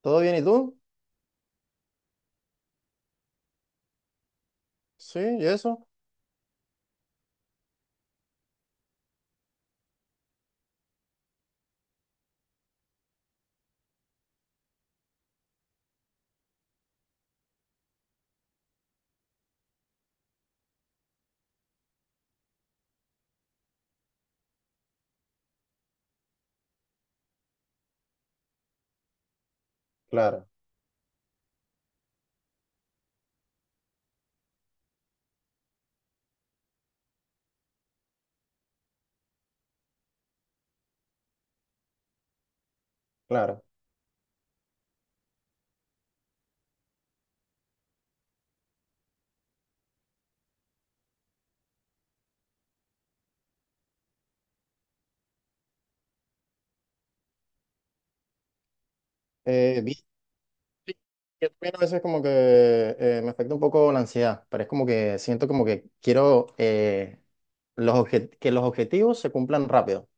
¿Todo bien? ¿Y tú? Sí, ¿y eso? Claro, claro. Eh, vi- sí, yo también a veces como que me afecta un poco la ansiedad, pero es como que siento como que quiero que los objetivos se cumplan rápido.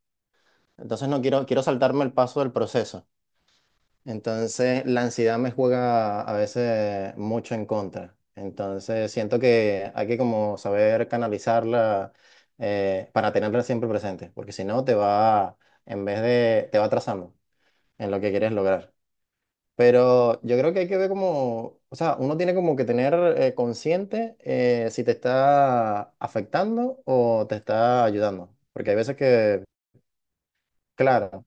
Entonces no quiero, quiero saltarme el paso del proceso. Entonces la ansiedad me juega a veces mucho en contra. Entonces siento que hay que como saber canalizarla para tenerla siempre presente, porque si no te va, en vez de, te va atrasando en lo que quieres lograr. Pero yo creo que hay que ver como, o sea, uno tiene como que tener consciente, si te está afectando o te está ayudando. Porque hay veces que, claro,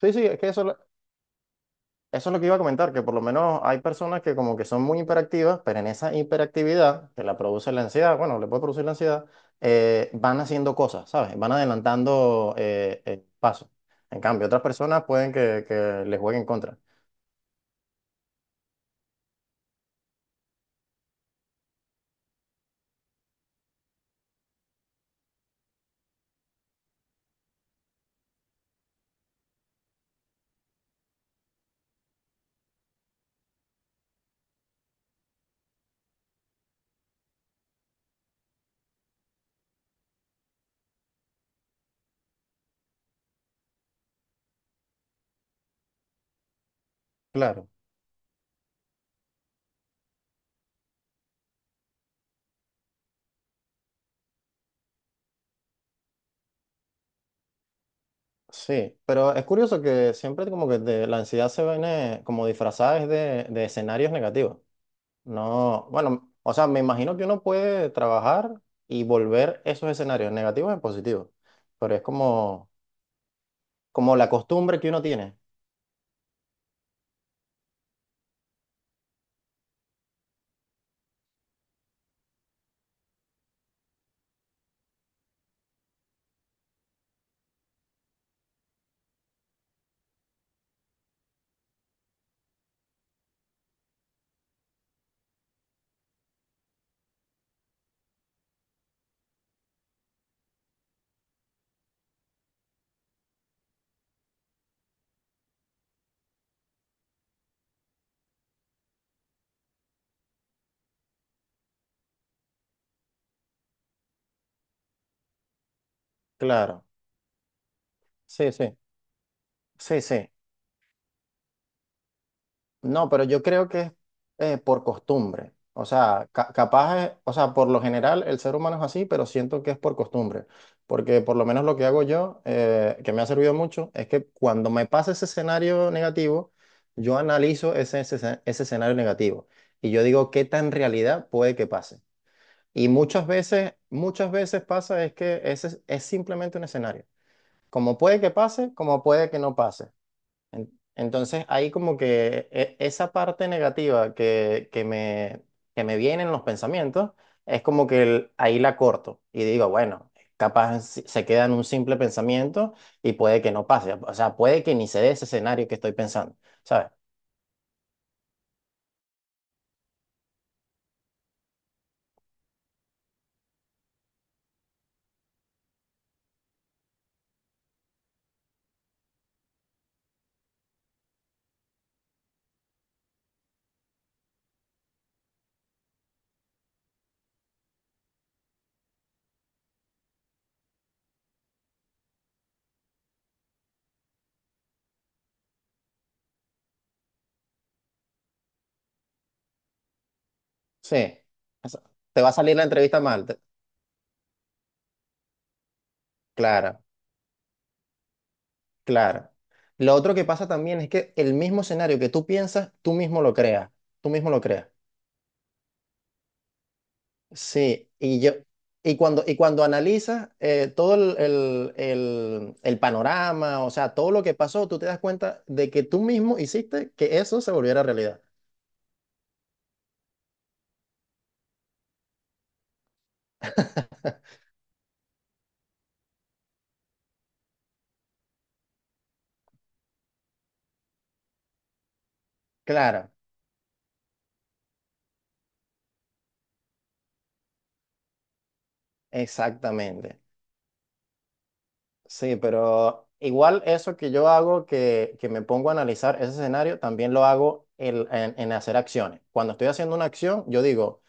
sí, sí, es que eso es lo que iba a comentar, que por lo menos hay personas que como que son muy hiperactivas, pero en esa hiperactividad que la produce la ansiedad, bueno, le puede producir la ansiedad, van haciendo cosas, ¿sabes? Van adelantando pasos. En cambio, otras personas pueden que les jueguen en contra. Claro. Sí, pero es curioso que siempre como que la ansiedad se viene como disfrazada es de escenarios negativos. No, bueno, o sea, me imagino que uno puede trabajar y volver esos escenarios negativos en positivos, pero es como, como la costumbre que uno tiene. Claro, sí, sí, sí, sí. No, pero yo creo que es por costumbre. O sea, capaz, o sea, por lo general el ser humano es así, pero siento que es por costumbre. Porque por lo menos lo que hago yo, que me ha servido mucho, es que cuando me pasa ese escenario negativo, yo analizo ese escenario negativo y yo digo qué tan realidad puede que pase. Y muchas veces pasa es que ese es simplemente un escenario. Como puede que pase, como puede que no pase. Entonces, ahí como que esa parte negativa que me viene en los pensamientos, es como que ahí la corto y digo, bueno, capaz se queda en un simple pensamiento y puede que no pase, o sea, puede que ni se dé ese escenario que estoy pensando, ¿sabes? Sí. Eso- Te va a salir la entrevista mal, claro, claro. Lo otro que pasa también es que el mismo escenario que tú piensas, tú mismo lo creas, tú mismo lo creas. Sí, y cuando analizas, todo el panorama, o sea, todo lo que pasó, tú te das cuenta de que tú mismo hiciste que eso se volviera realidad. Claro, exactamente. Sí, pero igual eso que yo hago, que me pongo a analizar ese escenario, también lo hago en hacer acciones. Cuando estoy haciendo una acción, yo digo,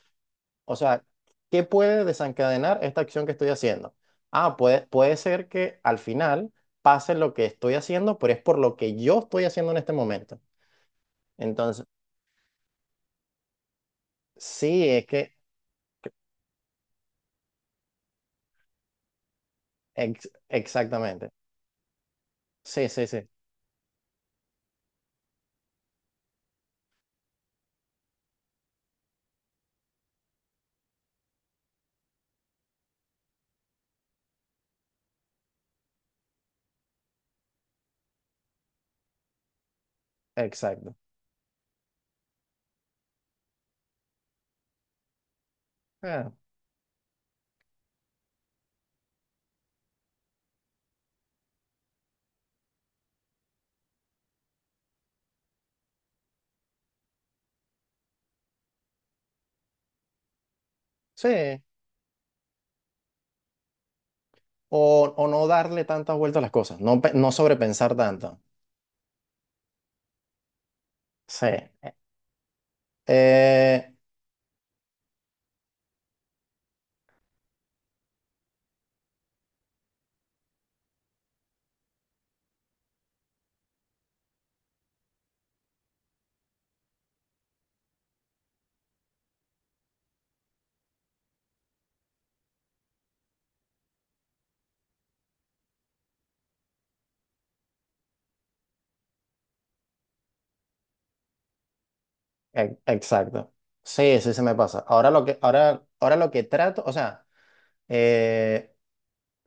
o sea, ¿qué puede desencadenar esta acción que estoy haciendo? Ah, puede ser que al final pase lo que estoy haciendo, pero es por lo que yo estoy haciendo en este momento. Entonces, sí, es que, exactamente. Sí, sí, sí, exacto. Ah, sí, o no darle tantas vueltas a las cosas, no, no sobrepensar tanto. Sí, eh, exacto. Sí, sí, se me pasa. Ahora lo que, ahora, ahora lo que trato, o sea... eh,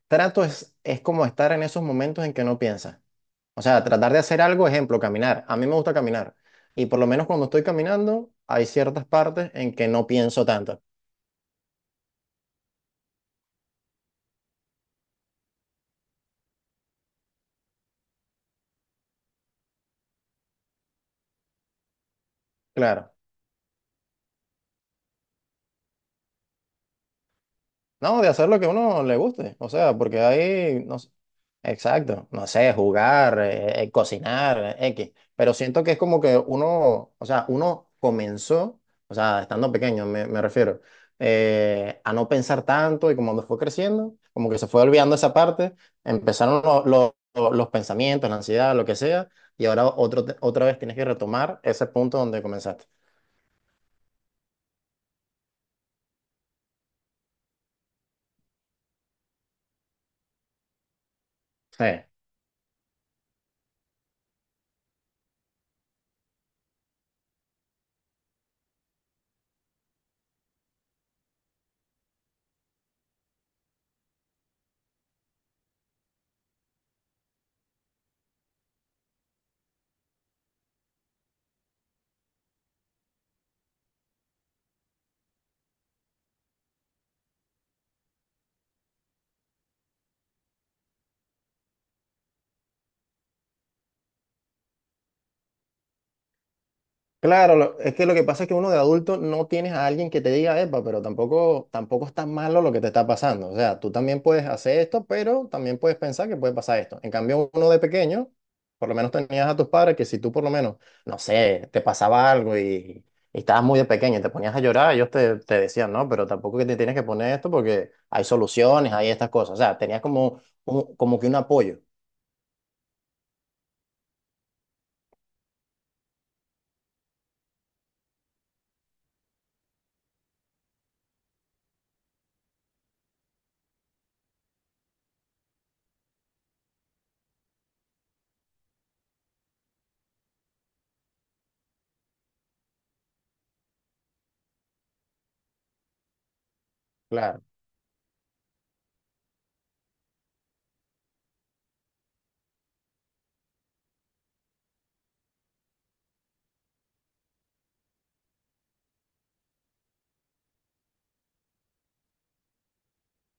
Trato es como estar en esos momentos en que no piensas. O sea, tratar de hacer algo, ejemplo, caminar. A mí me gusta caminar. Y por lo menos cuando estoy caminando, hay ciertas partes en que no pienso tanto. Claro. No, de hacer lo que a uno le guste. O sea, porque ahí, no sé, exacto, no sé, jugar, cocinar, X. Pero siento que es como que uno, o sea, uno comenzó, o sea, estando pequeño, me refiero, a no pensar tanto y como cuando fue creciendo, como que se fue olvidando esa parte, empezaron los pensamientos, la ansiedad, lo que sea, y ahora otro, otra vez tienes que retomar ese punto donde comenzaste. Sí. Claro, es que lo que pasa es que uno de adulto no tienes a alguien que te diga, epa, pero tampoco, tampoco es tan malo lo que te está pasando. O sea, tú también puedes hacer esto, pero también puedes pensar que puede pasar esto. En cambio, uno de pequeño, por lo menos tenías a tus padres que si tú por lo menos, no sé, te pasaba algo y estabas muy de pequeño y te ponías a llorar, ellos te decían, no, pero tampoco que te tienes que poner esto porque hay soluciones, hay estas cosas. O sea, tenías como, como que un apoyo. Claro,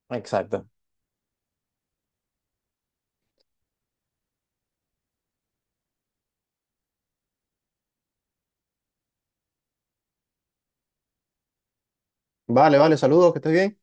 exacto. Vale, vale, saludos, que estés bien.